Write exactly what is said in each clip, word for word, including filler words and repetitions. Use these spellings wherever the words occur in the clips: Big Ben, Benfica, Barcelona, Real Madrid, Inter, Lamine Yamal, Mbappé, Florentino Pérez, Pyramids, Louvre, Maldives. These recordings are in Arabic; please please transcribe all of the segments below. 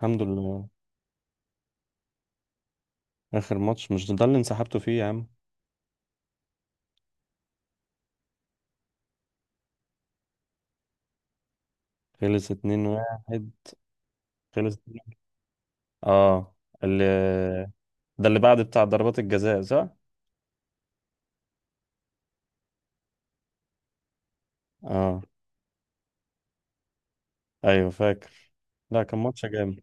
الحمد لله. آخر ماتش مش ده اللي انسحبتوا فيه يا عم؟ خلص اتنين واحد. خلص اتنين. اه. اللي ده اللي بعد بتاع ضربات الجزاء، صح؟ اه، ايوه فاكر. لا، كان ماتش جامد.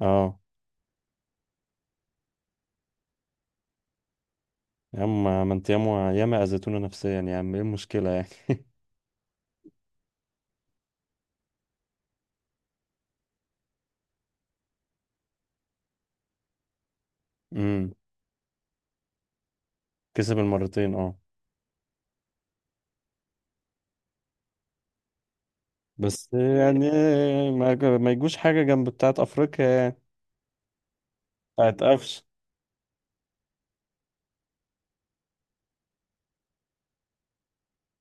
اه. يا عم ما انت ياما ياما اذيتونا نفسيا يا عم، ايه المشكلة يعني؟ امم. كسب المرتين، اه. بس يعني ما ما يجوش حاجة جنب بتاعت افريقيا يعني. بتاعت قفش.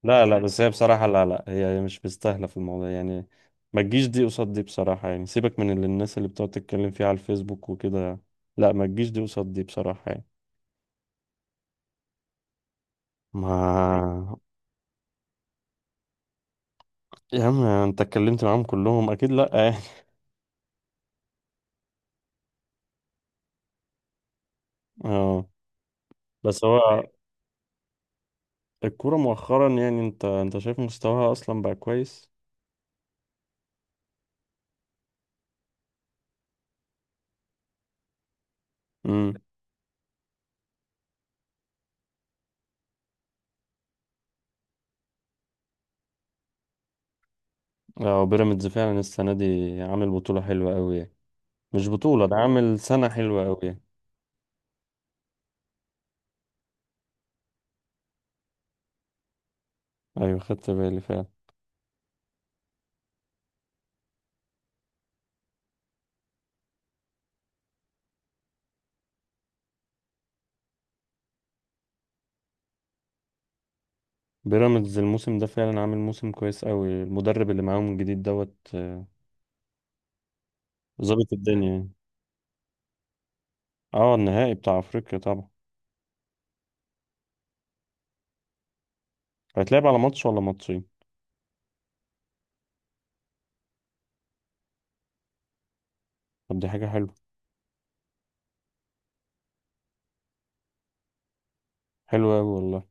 لا لا، بس هي بصراحة، لا لا هي مش مستاهلة في الموضوع يعني. ما تجيش دي قصاد دي بصراحة يعني، سيبك من اللي الناس اللي بتقعد تتكلم فيها على الفيسبوك وكده. لا، ما تجيش دي قصاد دي بصراحة يعني. ما. يا عم انت اتكلمت معاهم كلهم اكيد؟ لا يعني. اه. بس هو الكورة مؤخرا يعني، انت انت شايف مستواها اصلا بقى كويس. امم. اه، بيراميدز فعلا السنة دي عامل بطولة حلوة قوي يعني، مش بطولة، ده عامل سنة حلوة قوي يعني. ايوه خدت بالي فعلا. بيراميدز الموسم ده فعلا عامل موسم كويس قوي، المدرب اللي معاهم الجديد دوت آه، ظابط الدنيا يعني. اه، النهائي بتاع افريقيا طبعا. هيتلعب على ماتش ولا ماتشين؟ طب دي حاجة حلوة. حلوة قوي والله.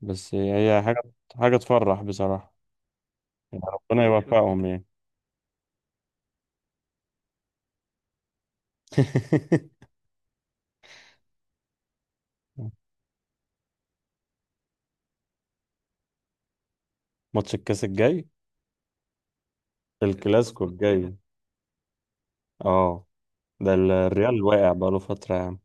بس هي حاجة حاجة تفرح بصراحة يعني. ربنا يوفقهم يعني. ماتش الكاس الجاي الكلاسيكو الجاي. اه، ده ال- الريال واقع بقاله فترة يا عم.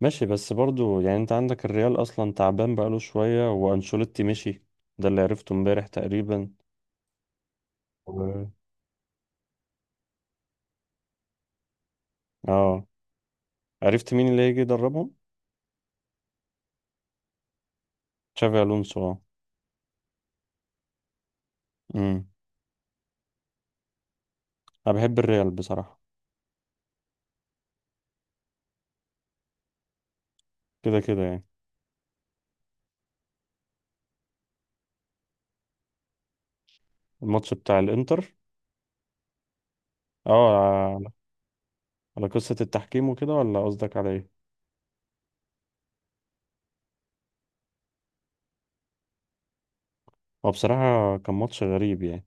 ماشي بس برضو يعني، انت عندك الريال اصلا تعبان بقاله شوية وانشيلوتي مشي. ده اللي عرفته امبارح تقريبا. اه. عرفت مين اللي هيجي يدربهم؟ تشافي، الونسو اه. امم. انا بحب الريال بصراحه. كده كده يعني. الماتش بتاع الانتر. اه. على على قصه التحكيم وكده، ولا قصدك على ايه؟ هو بصراحه كان ماتش غريب يعني.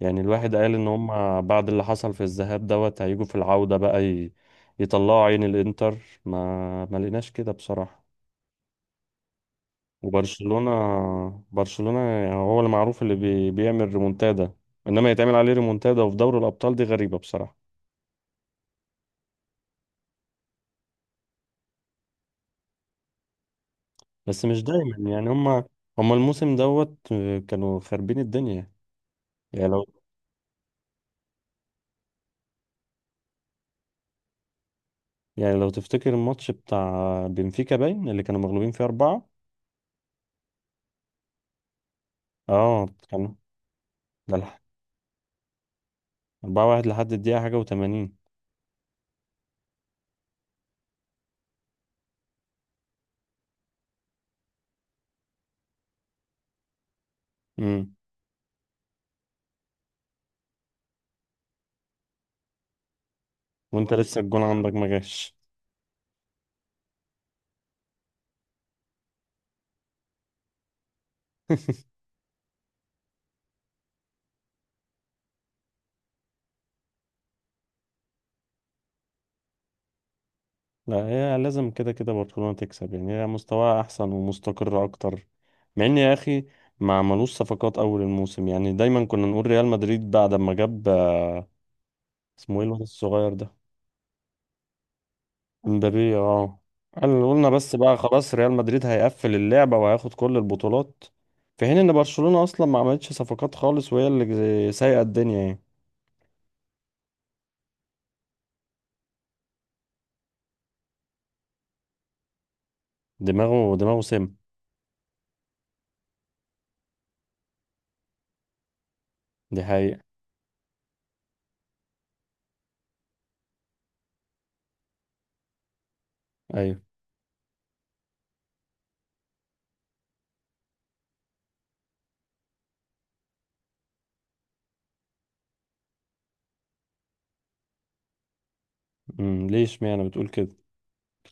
يعني الواحد قال ان هم بعد اللي حصل في الذهاب دوت هيجوا في العوده بقى ي... يطلعوا عين الانتر. ما ما لقيناش كده بصراحه. وبرشلونه برشلونه يعني هو اللي معروف اللي بي... بيعمل ريمونتادا. انما يتعمل عليه ريمونتادا، وفي دوري الابطال دي غريبه بصراحه. بس مش دايما يعني، هما هما الموسم دوت آه، كانوا خاربين الدنيا. يعني لو يعني لو تفتكر الماتش بتاع بنفيكا باين اللي كانوا مغلوبين فيه أربعة. اه كانوا ده لح- أربعة واحد لحد الدقيقة حاجة وتمانين. امم. وانت لسه الجون عندك ما جاش. لا، هي لازم كده كده برشلونة تكسب يعني، هي مستواها أحسن ومستقرة أكتر، مع إن يا أخي ما عملوش صفقات أول الموسم. يعني دايما كنا نقول ريال مدريد بعد ما جاب آه، اسمه إيه الواد الصغير ده، مبابي، اه. قال- قلنا بس بقى خلاص ريال مدريد هيقفل اللعبة وهياخد كل البطولات. في حين ان برشلونة اصلا ما عملتش صفقات خالص وهي اللي سايقة الدنيا يعني. دماغه دماغه سم. دي حقيقة. ايوه. امم، ليه اشمعنى بتقول كده؟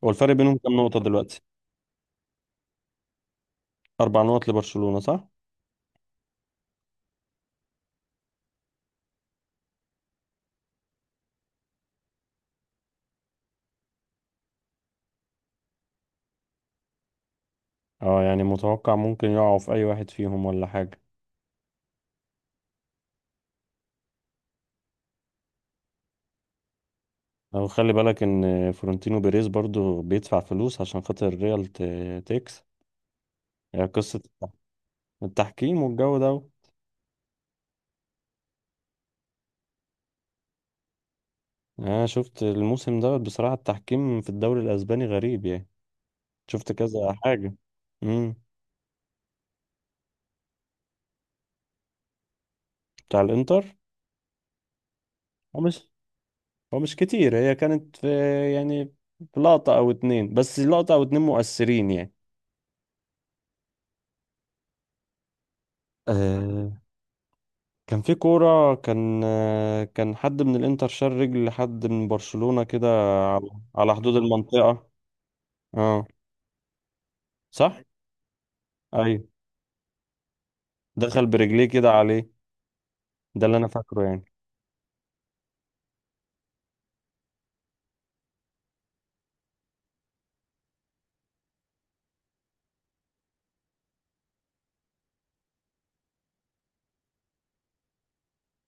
هو الفرق بينهم كام نقطة دلوقتي؟ اربع نقط لبرشلونة، صح؟ اه، يعني متوقع ممكن يقعوا في اي واحد فيهم ولا حاجة. او خلي بالك ان فلورنتينو بيريز برضو بيدفع فلوس عشان خاطر ريال ت- تكسب. يعني قصة التحكيم والجو ده. انا شفت الموسم دوت بصراحة التحكيم في الدوري الاسباني غريب يعني، شفت كذا حاجة. امم. بتاع الانتر. هو مش هو مش كتير، هي كانت في، يعني في لقطة او اتنين، بس لقطة او اتنين مؤثرين يعني. آه، كان في كورة، كان آه كان حد من الانتر شال رجل لحد من برشلونة كده. على على حدود المنطقة. اه، صح. ايوه، دخل برجليه كده عليه. ده اللي انا فاكره يعني.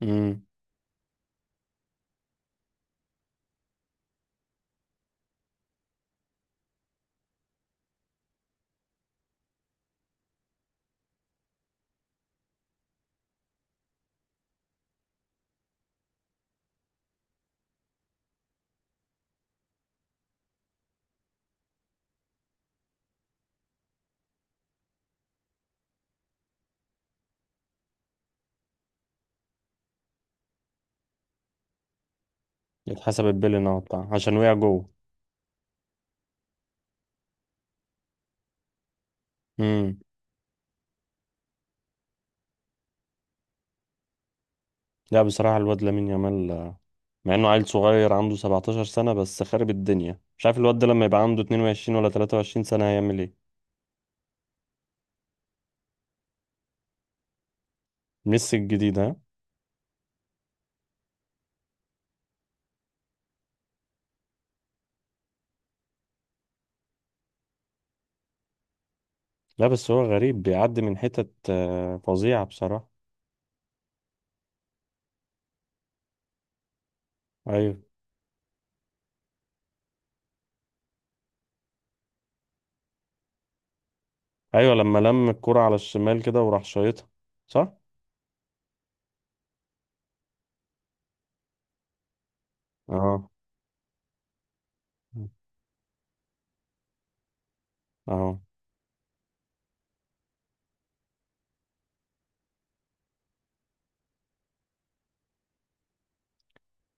امم. اتحسبت بيلين اه بتاع عشان وقع جوه. لا، بصراحة الواد لامين يامال آه، مع انه عيل صغير عنده 17 سنة بس خارب الدنيا، مش عارف الواد ده لما يبقى عنده اتنين وعشرين ولا تلاتة وعشرين سنة هيعمل ايه. ميسي الجديد، ها؟ لا بس هو غريب بيعدي من حتت آه، فظيعة بصراحة. ايوه. ايوه، لما لم الكرة على الشمال كده وراح شايطها، صح. اه. اه.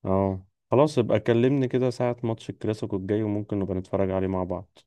اه. خلاص، يبقى كلمني كده ساعة ماتش الكلاسيكو الجاي وممكن نبقى نتفرج عليه مع بعض.